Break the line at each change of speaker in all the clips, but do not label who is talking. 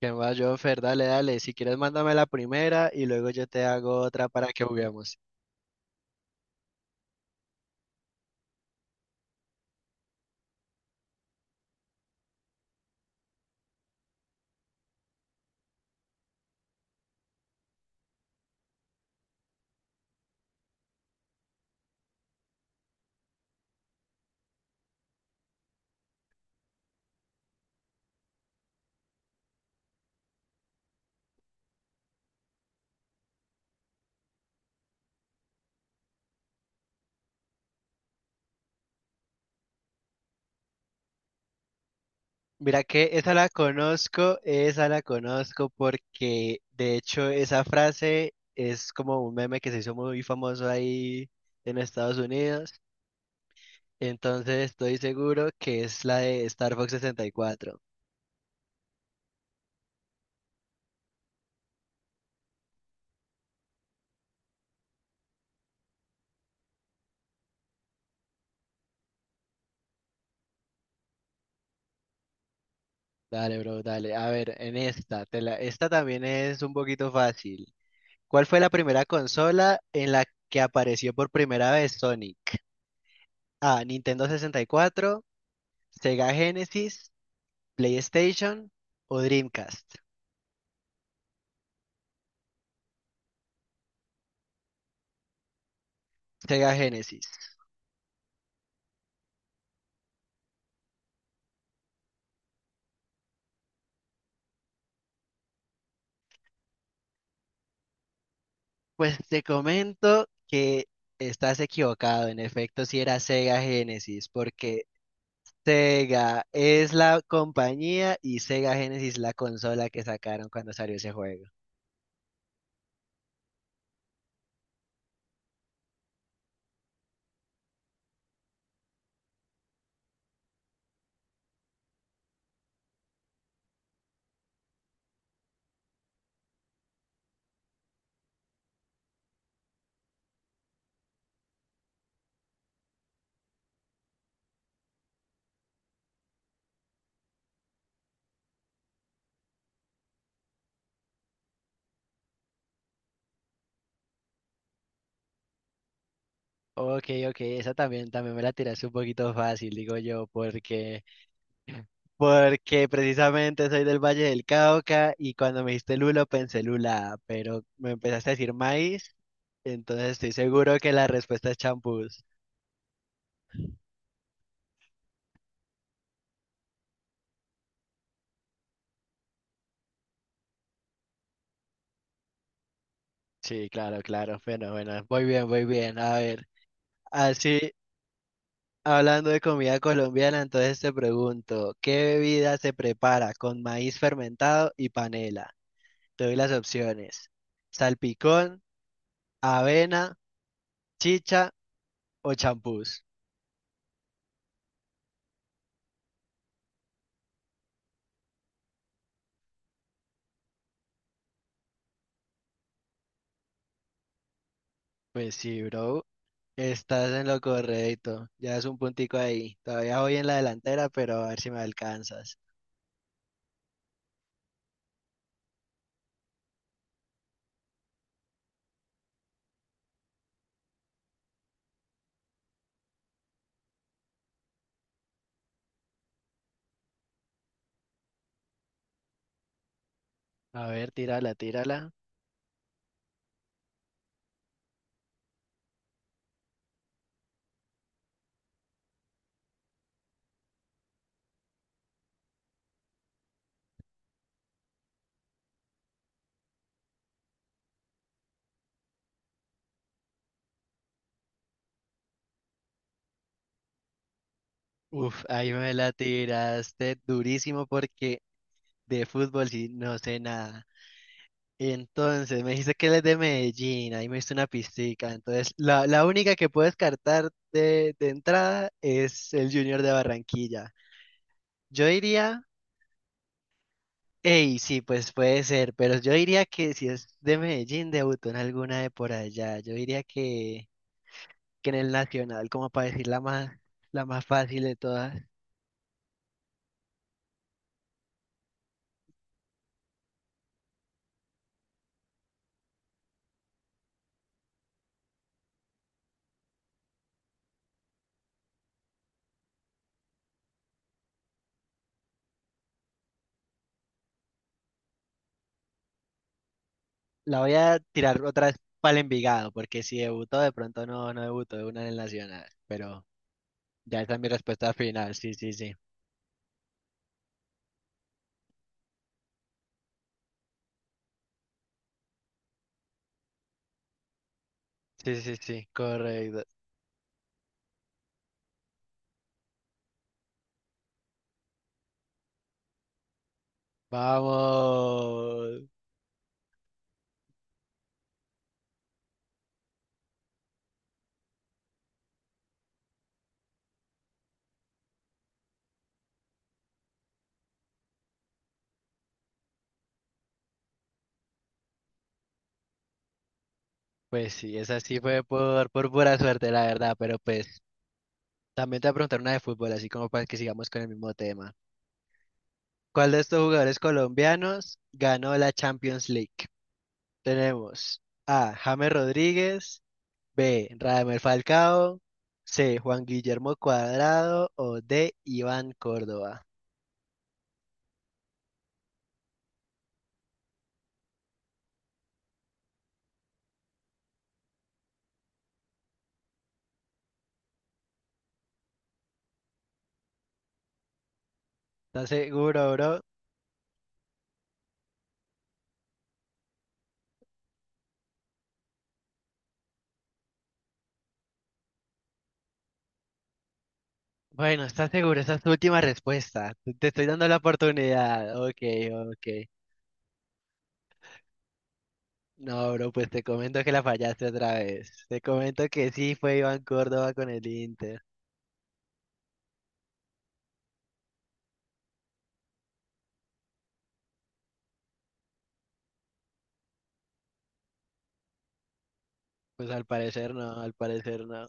¿Qué más, Jonfer? Dale, dale. Si quieres, mándame la primera y luego yo te hago otra para que juguemos. Mira que esa la conozco porque de hecho esa frase es como un meme que se hizo muy famoso ahí en Estados Unidos. Entonces estoy seguro que es la de Star Fox 64. Dale, bro, dale. A ver, en esta, esta también es un poquito fácil. ¿Cuál fue la primera consola en la que apareció por primera vez Sonic? A. Nintendo 64, Sega Genesis, PlayStation o Dreamcast. Sega Genesis. Pues te comento que estás equivocado. En efecto, si era Sega Genesis, porque Sega es la compañía y Sega Genesis la consola que sacaron cuando salió ese juego. Ok, ok, esa también, también me la tiraste un poquito fácil, digo yo, porque porque precisamente soy del Valle del Cauca y cuando me dijiste lulo pensé lula, pero me empezaste a decir maíz, entonces estoy seguro que la respuesta es champús. Sí, claro, claro. Bueno, bueno, muy bien, muy bien. A ver, así hablando de comida colombiana, entonces te pregunto, ¿qué bebida se prepara con maíz fermentado y panela? Te doy las opciones. Salpicón, avena, chicha o champús. Pues sí, bro. Estás en lo correcto. Ya es un puntico ahí. Todavía voy en la delantera, pero a ver si me alcanzas. A ver, tírala, tírala. Uf, ahí me la tiraste durísimo porque de fútbol sí no sé nada. Entonces, me dijiste que él es de Medellín, ahí me hizo una pistica. Entonces, la única que puedo descartar de entrada es el Junior de Barranquilla. Yo diría. Ey, sí, pues puede ser, pero yo diría que si es de Medellín, debutó en alguna de por allá. Yo diría que en el Nacional, como para decir la más fácil de todas. La voy a tirar otra vez para el Envigado, porque si debutó, de pronto no, no debutó de una en el Nacional. Pero ya esa es mi respuesta final, sí, sí, sí. Sí, sí, sí, correcto. Vamos. Pues sí, esa sí fue por pura suerte, la verdad, pero pues también te voy a preguntar una de fútbol, así como para que sigamos con el mismo tema. ¿Cuál de estos jugadores colombianos ganó la Champions League? Tenemos A. James Rodríguez, B. Radamel Falcao, C. Juan Guillermo Cuadrado o D. Iván Córdoba. ¿Estás seguro, bro? Bueno, ¿estás seguro? Esa es tu última respuesta. Te estoy dando la oportunidad. Ok, ok. No, bro, pues te comento que la fallaste otra vez. Te comento que sí fue Iván Córdoba con el Inter. Pues al parecer no, al parecer no.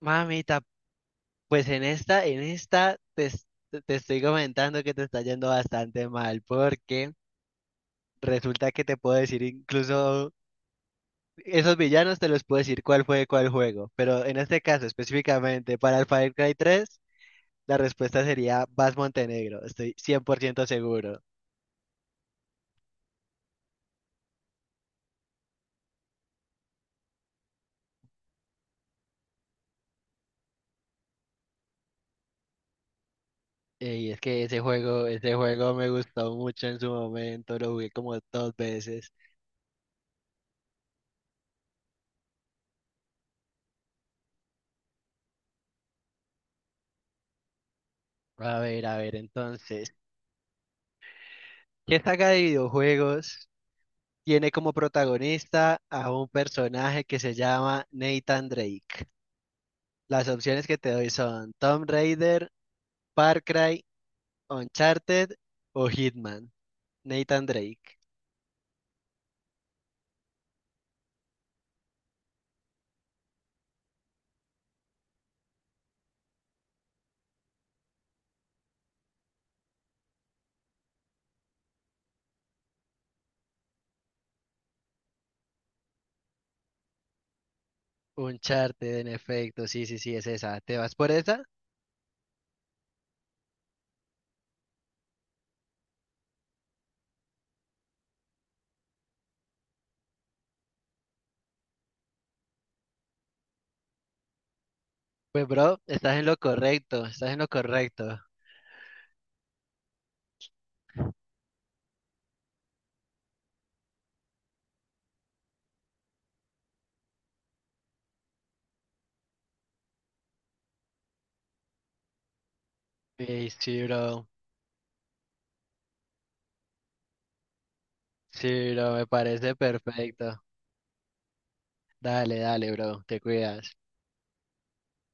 Mamita. Pues en esta te, es- te te estoy comentando que te está yendo bastante mal, porque resulta que te puedo decir incluso esos villanos te los puedo decir cuál fue de cuál juego, pero en este caso específicamente para el Far Cry 3 la respuesta sería Vas Montenegro, estoy 100% seguro. Y es que ese juego me gustó mucho en su momento, lo jugué como dos veces. A ver, entonces, ¿qué saga de videojuegos tiene como protagonista a un personaje que se llama Nathan Drake? Las opciones que te doy son Tomb Raider, Far Cry, Uncharted o Hitman. Nathan Drake. Uncharted, en efecto, sí, sí, sí, es esa. ¿Te vas por esa? Pues, bro, estás en lo correcto, estás en lo correcto. Sí, sí, bro. Sí, bro, me parece perfecto. Dale, dale, bro, te cuidas.